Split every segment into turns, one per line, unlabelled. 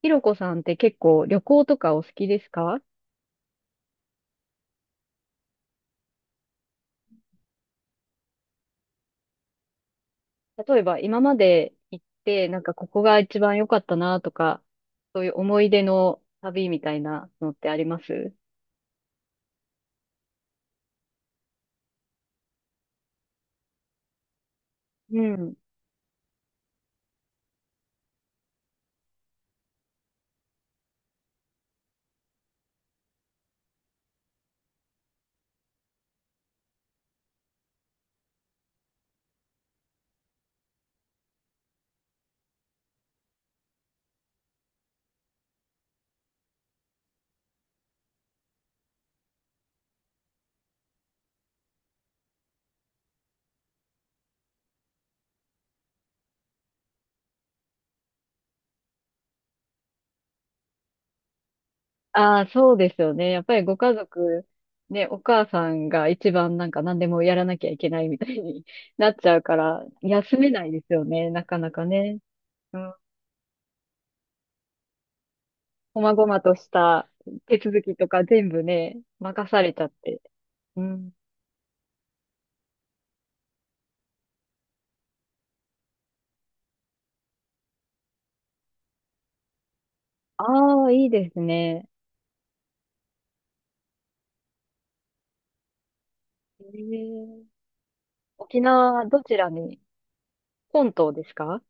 ひろこさんって結構旅行とかお好きですか？例えば今まで行って、なんかここが一番良かったなとか、そういう思い出の旅みたいなのってあります？うん。ああ、そうですよね。やっぱりご家族、ね、お母さんが一番なんか何でもやらなきゃいけないみたいに なっちゃうから、休めないですよね、なかなかね。うん。こまごまとした手続きとか全部ね、任されちゃって。うん。ああ、いいですね。えー、沖縄、どちらに？本島ですか？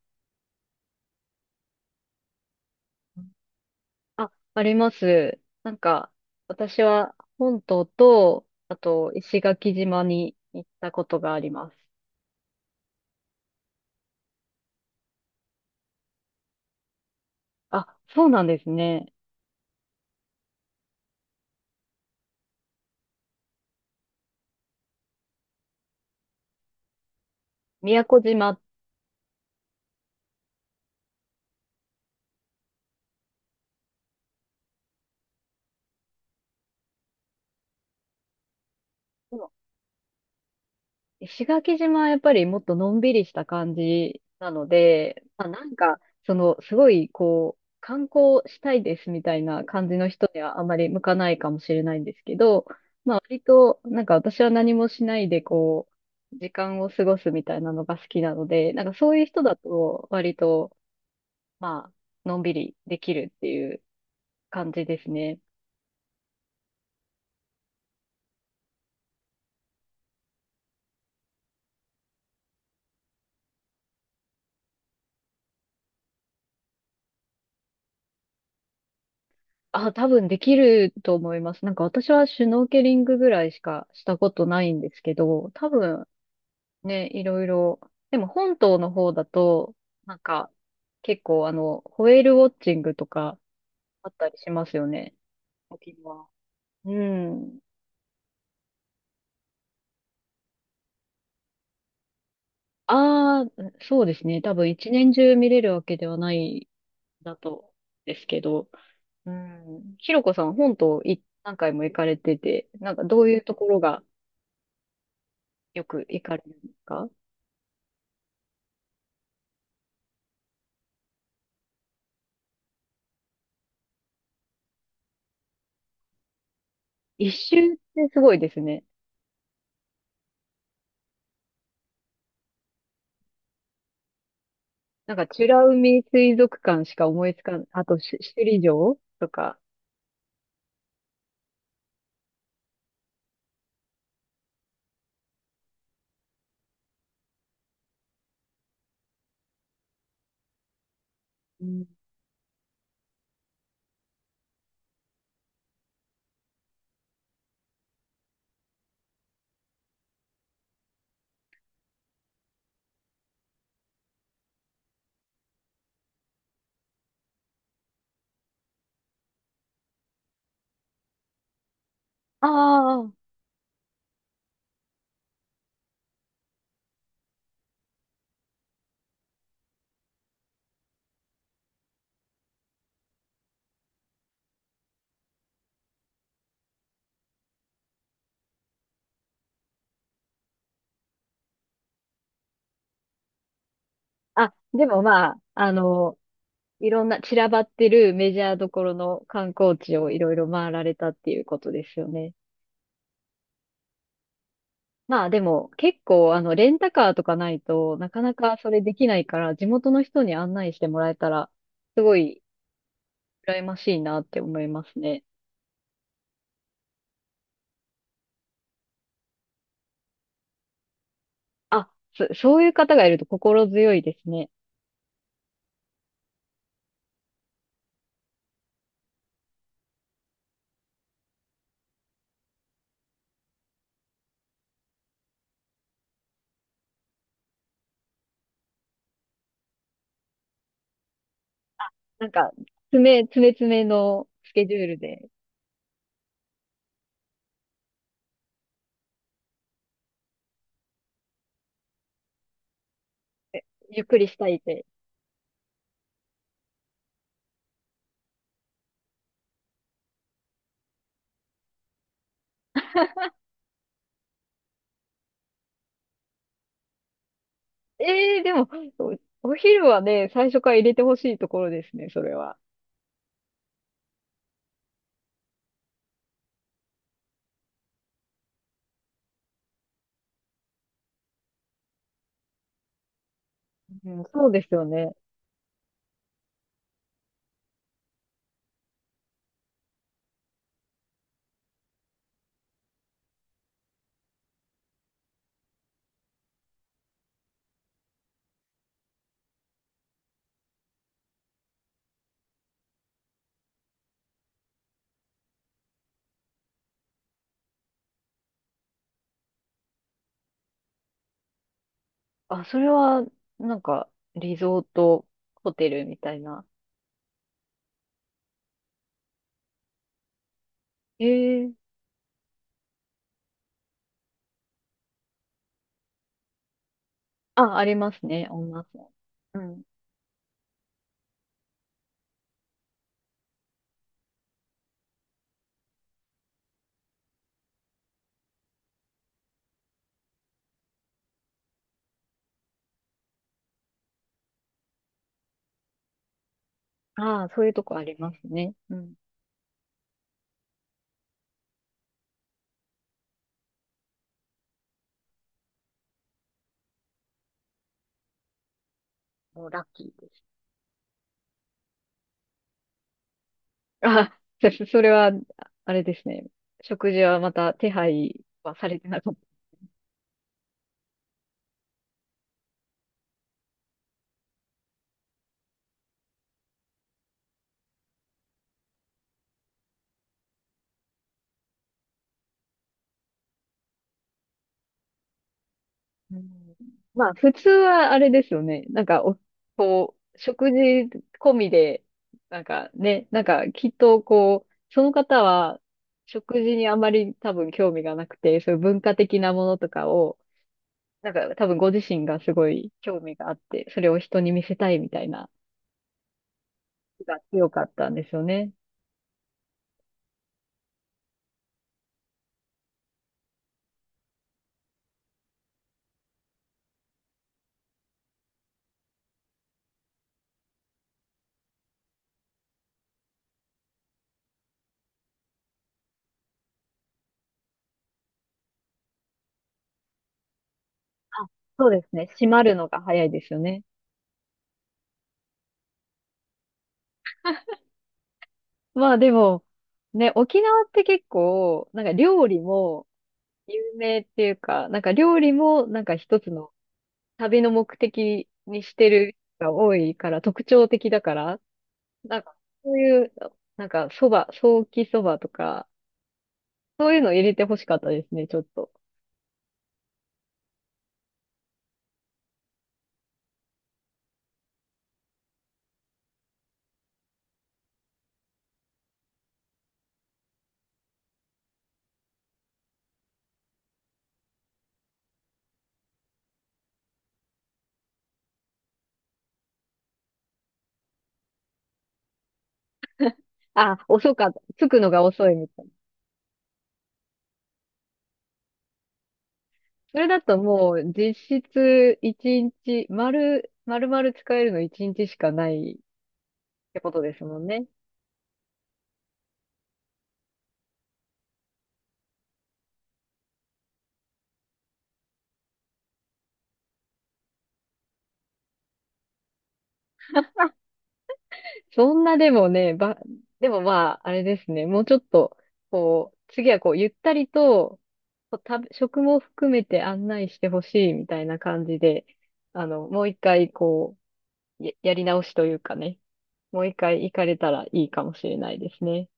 あ、あります。なんか、私は本島と、あと石垣島に行ったことがあります。あ、そうなんですね。宮古島？石垣島はやっぱりもっとのんびりした感じなので、まあ、なんか、その、すごい、こう、観光したいですみたいな感じの人にはあまり向かないかもしれないんですけど、まあ、割と、なんか私は何もしないで、こう、時間を過ごすみたいなのが好きなので、なんかそういう人だと、割と、まあ、のんびりできるっていう感じですね。あ、多分できると思います。なんか私はシュノーケリングぐらいしかしたことないんですけど、多分ね、いろいろ。でも本島の方だと、なんか、結構あの、ホエールウォッチングとかあったりしますよね。沖縄。うん。ああ、そうですね。多分一年中見れるわけではないだと、ですけど。うん。ひろこさん、本島い何回も行かれてて、なんかどういうところがよく行かれるんですか？一周ってすごいですね。なんか、美ら海水族館しか思いつかん、あとし、首里城とか。ああ、あ、でもまあ、あの、いろんな散らばってるメジャーどころの観光地をいろいろ回られたっていうことですよね。まあでも結構あのレンタカーとかないとなかなかそれできないから地元の人に案内してもらえたらすごい羨ましいなって思いますね。あ、そういう方がいると心強いですね。なんか詰め詰めのスケジュールで、ゆっくりしたいって。ええでも、お昼はね、最初から入れてほしいところですね、それは。うん、そうですよね。あ、それは、なんか、リゾートホテルみたいな。ええ。あ、ありますね、あります。うん。ああ、そういうとこありますね。うん。もうラッキーです。あ、それは、あれですね。食事はまた手配はされてなかっ、うん。まあ、普通はあれですよね。なんかお、こう、食事込みで、なんかね、なんかきっとこう、その方は食事にあまり多分興味がなくて、そういう文化的なものとかを、なんか多分ご自身がすごい興味があって、それを人に見せたいみたいな、が強かったんですよね。あ、そうですね。閉まるのが早いですよね。まあでも、ね、沖縄って結構、なんか料理も、有名っていうか、なんか料理もなんか一つの旅の目的にしてる人が多いから特徴的だから、なんかそういう、なんかそば、ソーキそばとか、そういうの入れてほしかったですね、ちょっと。あ、遅かった。着くのが遅いみたいな。それだともう実質一日、丸々使えるの一日しかないってことですもんね。そんなでもね、でもまあ、あれですね。もうちょっと、こう、次はこう、ゆったりと、こう食も含めて案内してほしいみたいな感じで、あの、もう一回、こう、やり直しというかね、もう一回行かれたらいいかもしれないですね。